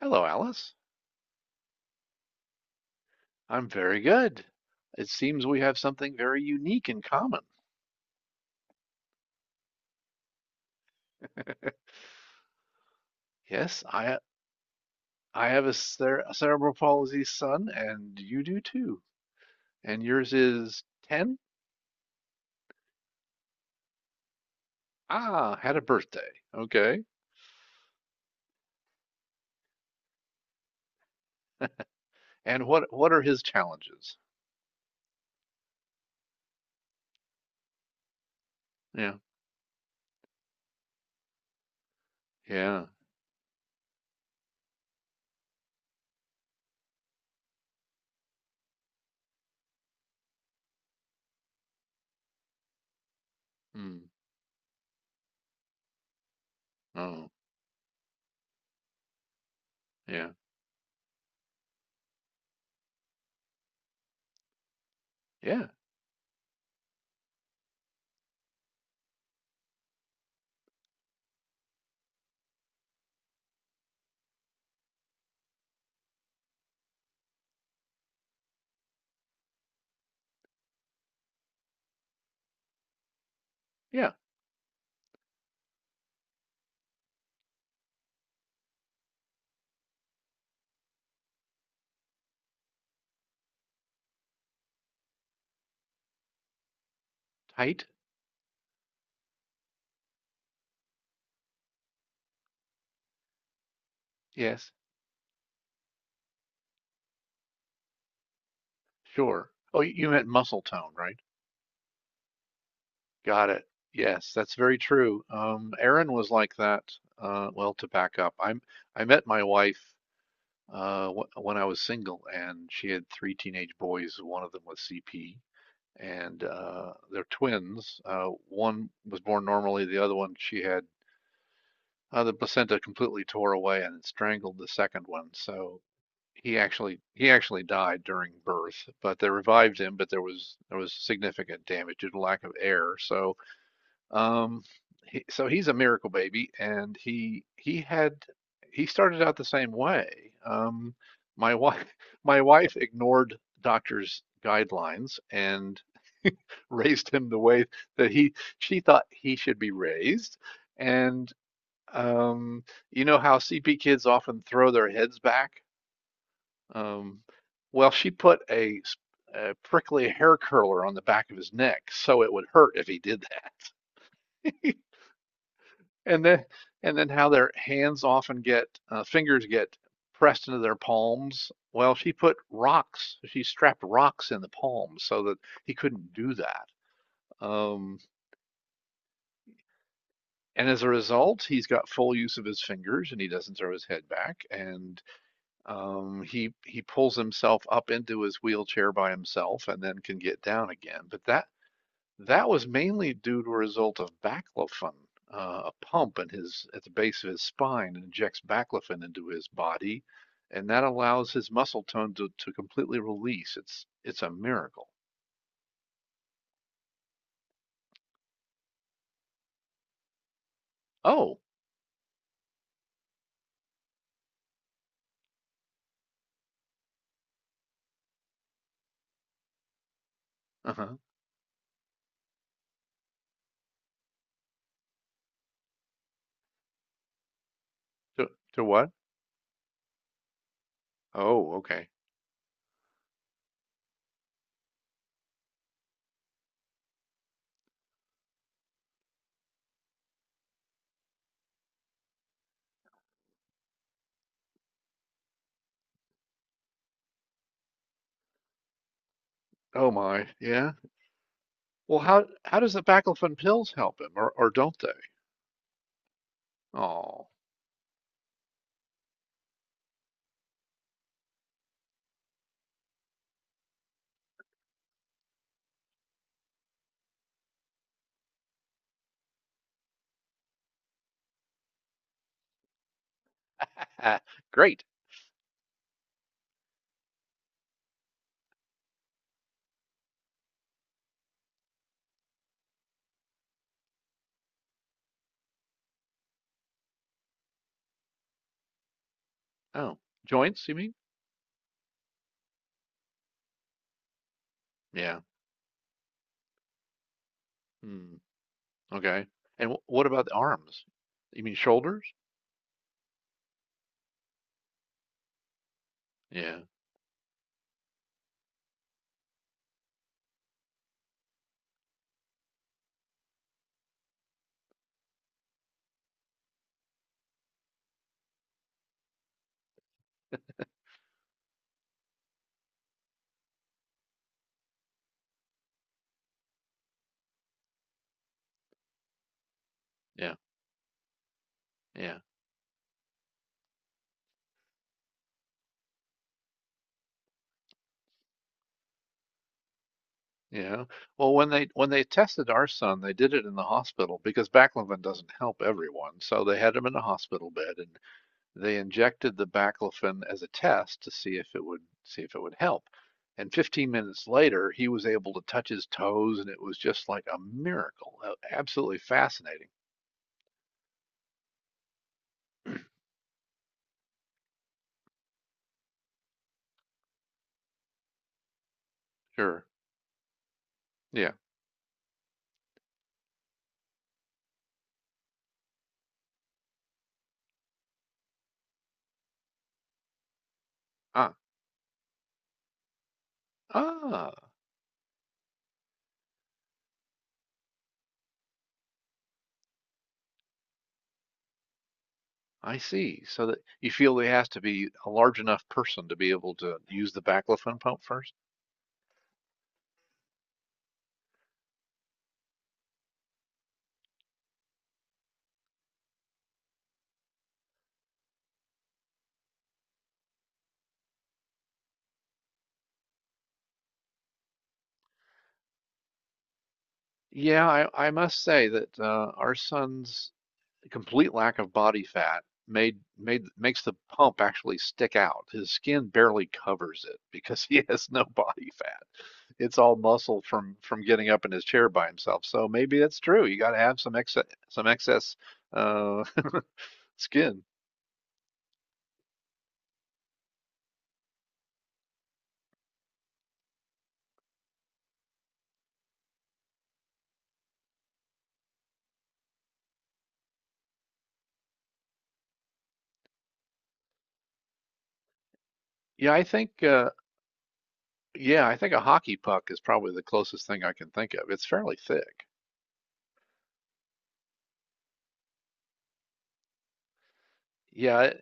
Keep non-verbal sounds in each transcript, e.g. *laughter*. Hello, Alice. I'm very good. It seems we have something very unique in common. Yes, I have a cerebral palsy son, and you do too. And yours is 10? Ah, had a birthday. Okay. And what are his challenges? Yeah. Yeah. Mm. Oh, yeah. Yeah. Yeah. Tight? Yes. Sure. Oh, you meant muscle tone, right? Got it. Yes, that's very true. Erin was like that. Well, to back up, I met my wife w when I was single, and she had three teenage boys. One of them was CP, and they're twins. One was born normally. The other one, she had the placenta completely tore away and strangled the second one. So he actually died during birth, but they revived him. But there was significant damage due to lack of air. So um, so he's a miracle baby, and he had he started out the same way. Um, my *laughs* wife my wife ignored doctor's guidelines and *laughs* raised him the way that he she thought he should be raised. And um, you know how CP kids often throw their heads back? Um, well, she put a prickly hair curler on the back of his neck so it would hurt if he did that. *laughs* and then and then how their hands often get fingers get pressed into their palms, well, she strapped rocks in the palms so that he couldn't do that, um, and as a result he's got full use of his fingers, and he doesn't throw his head back. And um, he pulls himself up into his wheelchair by himself and then can get down again, but that was mainly due to a result of baclofen. A pump in his at the base of his spine and injects baclofen into his body, and that allows his muscle tone to completely release. It's a miracle. Oh, uh-huh. To, to what? Oh, okay. Oh my, yeah. Well, how does the baclofen pills help him, or don't they? Oh, *laughs* great. Oh, joints, you mean? Yeah. Hmm. Okay. And what about the arms? You mean shoulders? Yeah. Yeah. Yeah, yeah. Well, when they tested our son, they did it in the hospital because baclofen doesn't help everyone. So they had him in a hospital bed, and they injected the baclofen as a test to see if it would help. And 15 minutes later, he was able to touch his toes, and it was just like a miracle. Absolutely fascinating. Sure. Yeah. Ah. Ah. I see. So that you feel he has to be a large enough person to be able to use the baclofen pump first? Yeah, I must say that our son's complete lack of body fat made made makes the pump actually stick out. His skin barely covers it because he *laughs* has no body fat. It's all muscle from getting up in his chair by himself. So maybe that's true. You got to have some excess, some excess uh, *laughs* skin. Yeah, I think uh, yeah, I think a hockey puck is probably the closest thing I can think of. It's fairly thick. Yeah,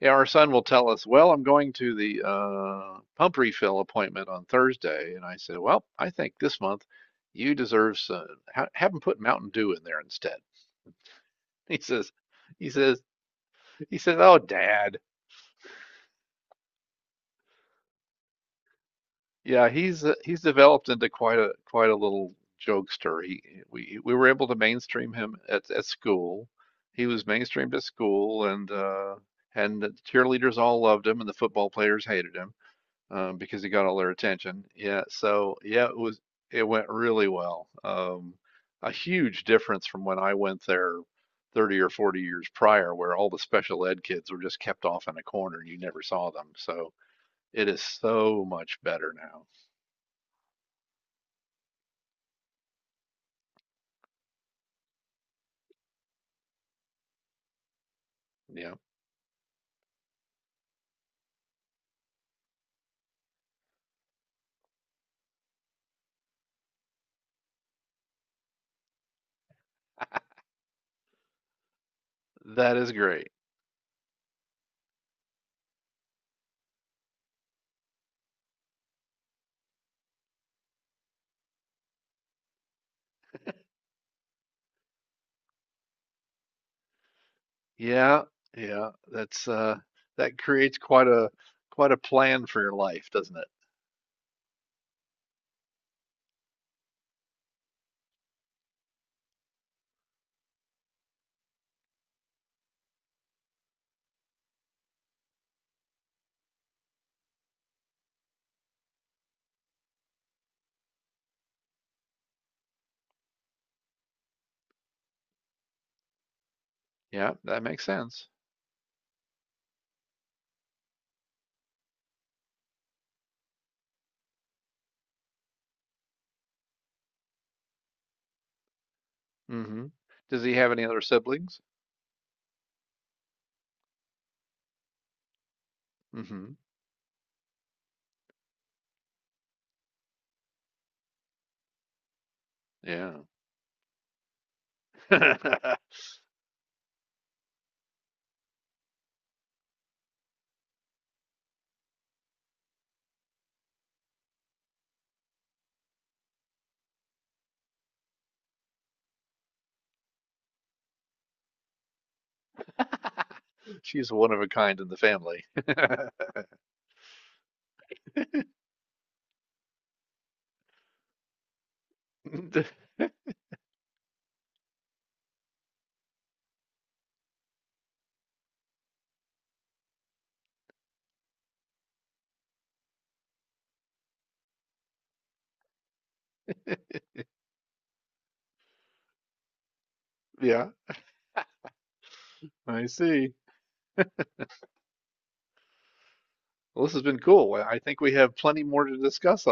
Yeah, our son will tell us, "Well, I'm going to the pump refill appointment on Thursday," and I said, "Well, I think this month you deserve some. Ha Have him put Mountain Dew in there instead." *laughs* He says, "He says, he says, oh, Dad, yeah, he's developed into quite a little jokester. He we were able to mainstream him at school. He was mainstreamed at school, and the cheerleaders all loved him, and the football players hated him." Because he got all their attention. Yeah, so yeah, it was it went really well. A huge difference from when I went there 30 or 40 years prior, where all the special ed kids were just kept off in a corner and you never saw them. So it is so much better now. Yeah, that is great. Yeah, yeah, that's that creates quite a plan for your life, doesn't it? Yeah, that makes sense. Hmm. Does he have any other siblings? Hmm. Yeah. *laughs* *laughs* She's one of a kind in the family. *laughs* Yeah, I see. Well, this has been cool. Well, I think we have plenty more to discuss